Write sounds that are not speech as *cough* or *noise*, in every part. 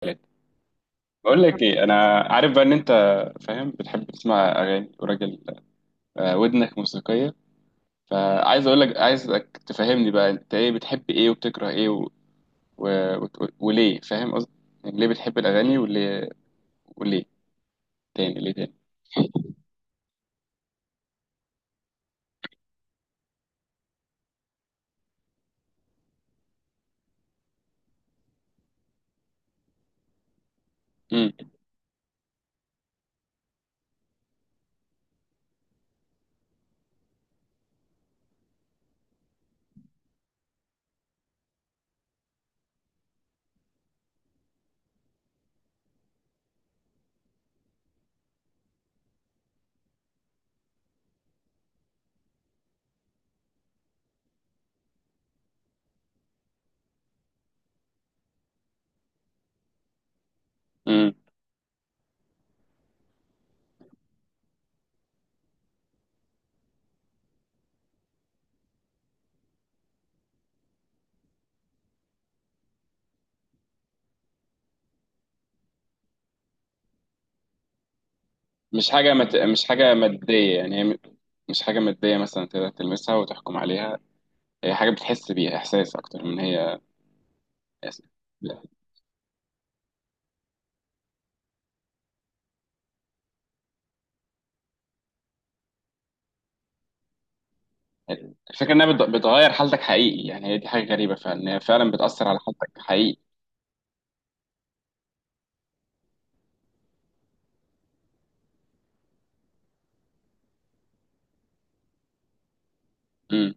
ثالث. بقول لك ايه، انا عارف بقى ان انت فاهم، بتحب تسمع اغاني وراجل ودنك موسيقيه. فعايز اقول لك، عايزك تفهمني بقى، انت ايه؟ بتحب ايه وبتكره ايه و... و... وليه؟ فاهم قصدي؟ يعني ليه بتحب الاغاني؟ وليه تاني؟ ليه تاني؟ امم امم مش حاجه مش حاجه ماديه يعني، مش حاجه ماديه مثلا تقدر تلمسها وتحكم عليها. هي حاجه بتحس بيها احساس اكتر من هي. الفكرة انها بتغير حالتك حقيقي، يعني هي دي حاجة غريبة فعلا، إن هي فعلا بتأثر على حالتك حقيقي. امم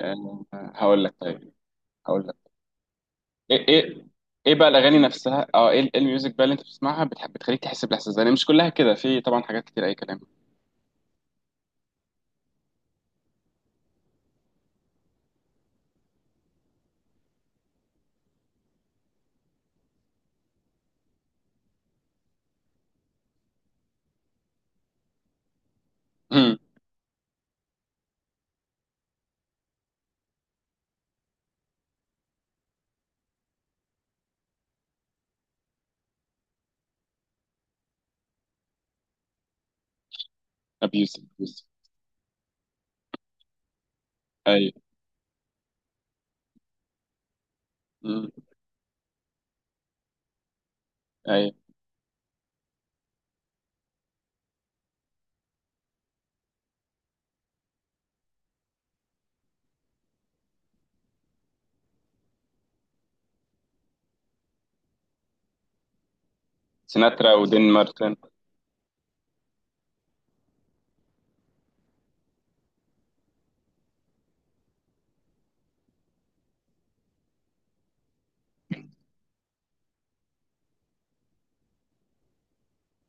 هقول لك طيب. هقول لك ايه. ايه بقى الاغاني نفسها؟ اه ايه ال- إيه الميوزك بقى اللي انت بتسمعها، بتحب بتخليك تحس بالاحساس ده؟ يعني مش كلها كده، في طبعا حاجات كتير اي كلام. امم. ابيوسف. *laughs* ايوه. امم. ايوه. سيناترا ودين مارتن.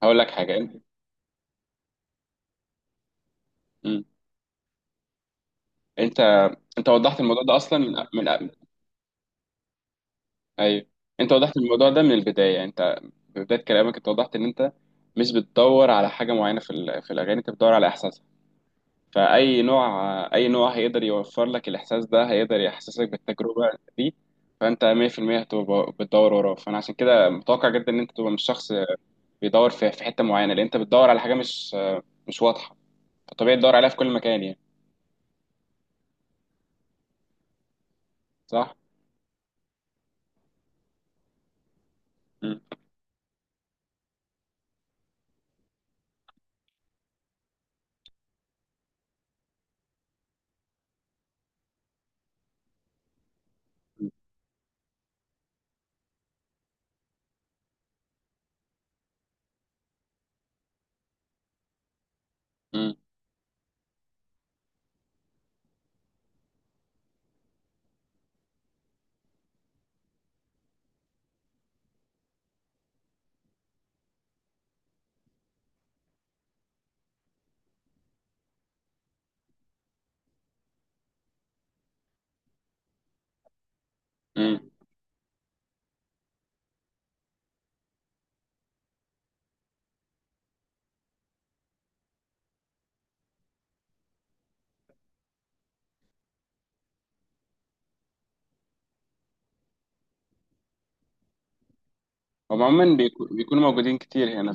هقول لك حاجة، انت. امم. انت انت وضحت الموضوع ده اصلا من. ايوه انت وضحت الموضوع ده من البدايه، يعني انت في بدايه كلامك انت وضحت ان انت مش بتدور على حاجه معينه في الاغاني، انت بتدور على احساسها. فاي نوع، اي نوع هيقدر يوفر لك الاحساس ده؟ هيقدر يحسسك بالتجربه دي. فانت 100% هتبقى بتدور وراه. فانا عشان كده متوقع جدا ان انت تبقى مش شخص بيدور في حته معينه، لان انت بتدور على حاجه مش واضحه. فطبيعي تدور عليها في كل مكان يعني. صح. مم. مم. مم. هم عموما بيكونوا موجودين كتير هنا.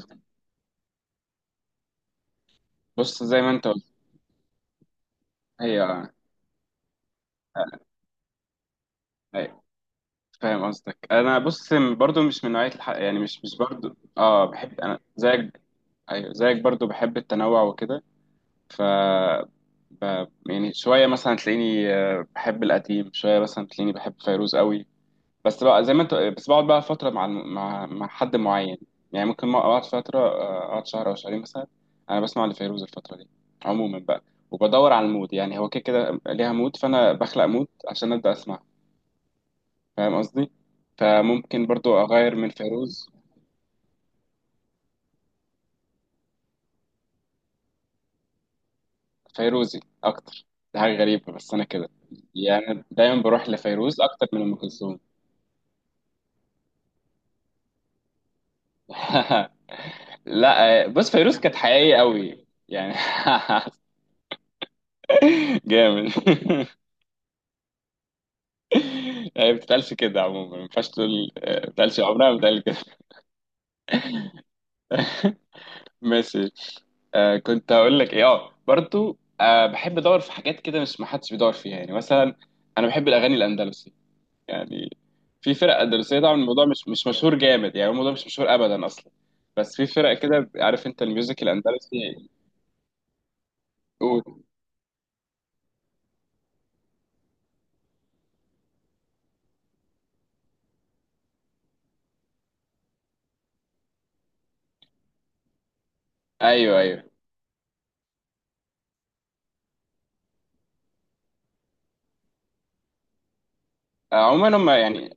بص زي ما انت قلت. هي. فاهم قصدك. انا بص برضو مش من نوعيه يعني مش برضو، اه بحب انا زيك. ايوه زيك برضو، بحب التنوع وكده. ف يعني شويه مثلا تلاقيني بحب القديم، شويه مثلا تلاقيني بحب فيروز قوي. بس بقى زي ما انت، بس بقعد بقى فتره مع مع حد معين. يعني ممكن ما اقعد فتره، اقعد شهر او شهرين مثلا. انا بسمع لفيروز الفتره دي عموما بقى. وبدور على المود، يعني هو كده كده ليها مود، فانا بخلق مود عشان ابدا اسمع. فاهم قصدي؟ فممكن برضو اغير من فيروز. فيروزي اكتر. دي حاجه غريبه بس انا كده، يعني دايما بروح لفيروز اكتر من ام كلثوم. *laughs* لا بص، فيروز كانت حقيقيه قوي يعني. *laughs* جامد. هي ما بتتقالش كده عموما، ما ينفعش تقول ما بتتقالش، عمرها ما بتتقال كده. *laughs* ماشي. آه كنت هقول لك ايه، اه برضو بحب ادور في حاجات كده مش ما حدش بيدور فيها، يعني مثلا انا بحب الاغاني الاندلسي يعني. في فرق دراسية طبعا، الموضوع مش مشهور جامد يعني، الموضوع مش مشهور أبدا أصلا. بس في فرق كده، عارف أنت الميوزك الأندلسي؟ قول. أيوه أيوه. عموما هم يعني.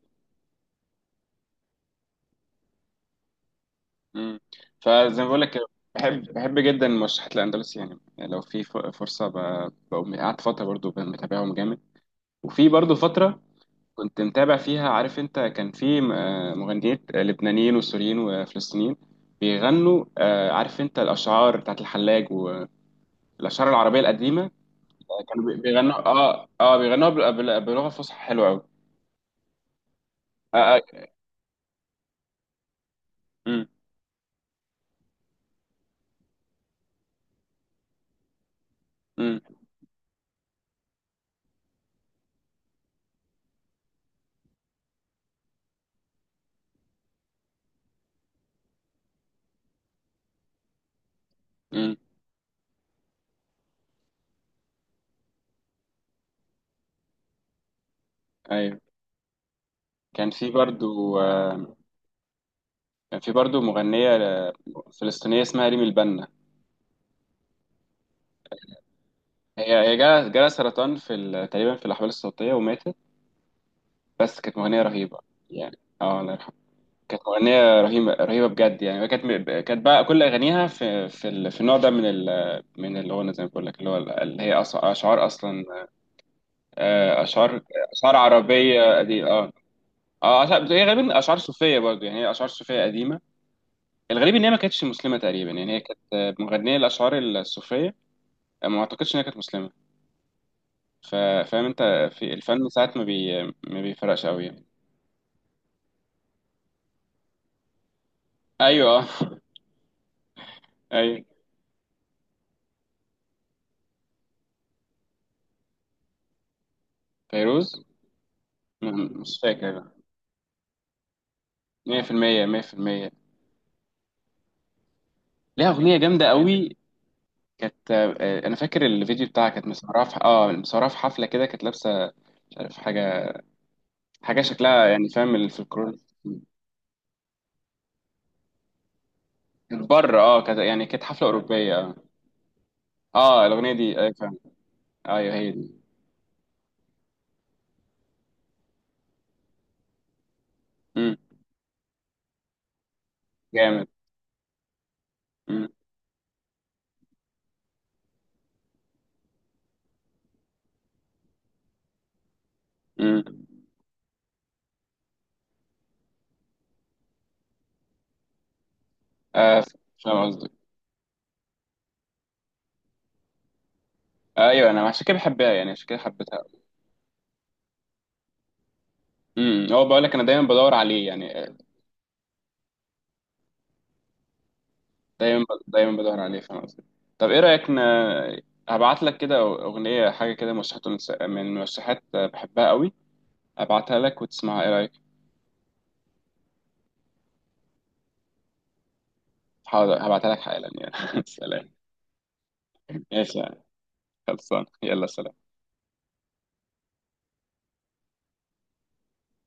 مم. فزي ما بقول لك كده، بحب جدا المرشحات الأندلسي يعني، يعني لو في فرصة بقوم قعدت فترة برضو متابعهم جامد. وفي برضو فترة كنت متابع فيها، عارف أنت كان في مغنيين لبنانيين وسوريين وفلسطينيين بيغنوا، عارف أنت الأشعار بتاعت الحلاج والأشعار العربية القديمة. كانوا بيغنوا، بيغنوا بلغة فصحى حلوة أوي. آه آه. أمم، أمم، أمم. أيوه. كان في برضو آه كان في برضو مغنية فلسطينية اسمها ريم البنا. هي جالها سرطان تقريبا في الأحوال الصوتية وماتت، بس كانت مغنية رهيبة يعني. اه الله يرحمها. كانت مغنية رهيبة رهيبة بجد يعني. كانت بقى كل أغانيها في النوع ده من من الغنى زي ما بقول لك، اللي هو اللي هي أشعار أصلا. آه، أشعار أشعار عربية دي. اه. اه هي غالبا اشعار صوفيه برضه يعني، هي اشعار صوفيه قديمه. الغريب ان هي ما كانتش مسلمه تقريبا، يعني هي كانت مغنيه الاشعار الصوفيه، ما اعتقدش ان هي كانت مسلمه. ف- فاهم انت؟ في الفن ساعات ما بيفرقش قوي يعني. ايوه. اه. *laughs* ايوه فيروز. مش فاكر. 100% 100% ليها اغنيه جامده قوي. كانت انا فاكر الفيديو بتاعها، كانت مسهرة في مسهرة في حفله كده، كانت لابسه مش عارف حاجه، حاجه شكلها يعني فاهم الفلكلور. كانت بره اه كانت يعني كانت حفله اوروبيه. آه. اه الاغنيه دي، ايوه فاهم. ايوه هي دي. امم. جامد. امم. امم. آه. فاهم قصدك. ايوه انا عشان كده بحبها، يعني عشان كده حبيتها. امم. هو بقول لك، انا دايما بدور عليه يعني، دايما بدور عليه. فاهم قصدك؟ طب ايه رايك هبعت لك كده اغنيه، حاجه كده مرشحات من مرشحات بحبها قوي. هبعتها لك وتسمعها، ايه رايك؟ حاضر هبعتها لك حالا يعني. *laughs* سلام. ماشي يعني. خلصان، يلا سلام.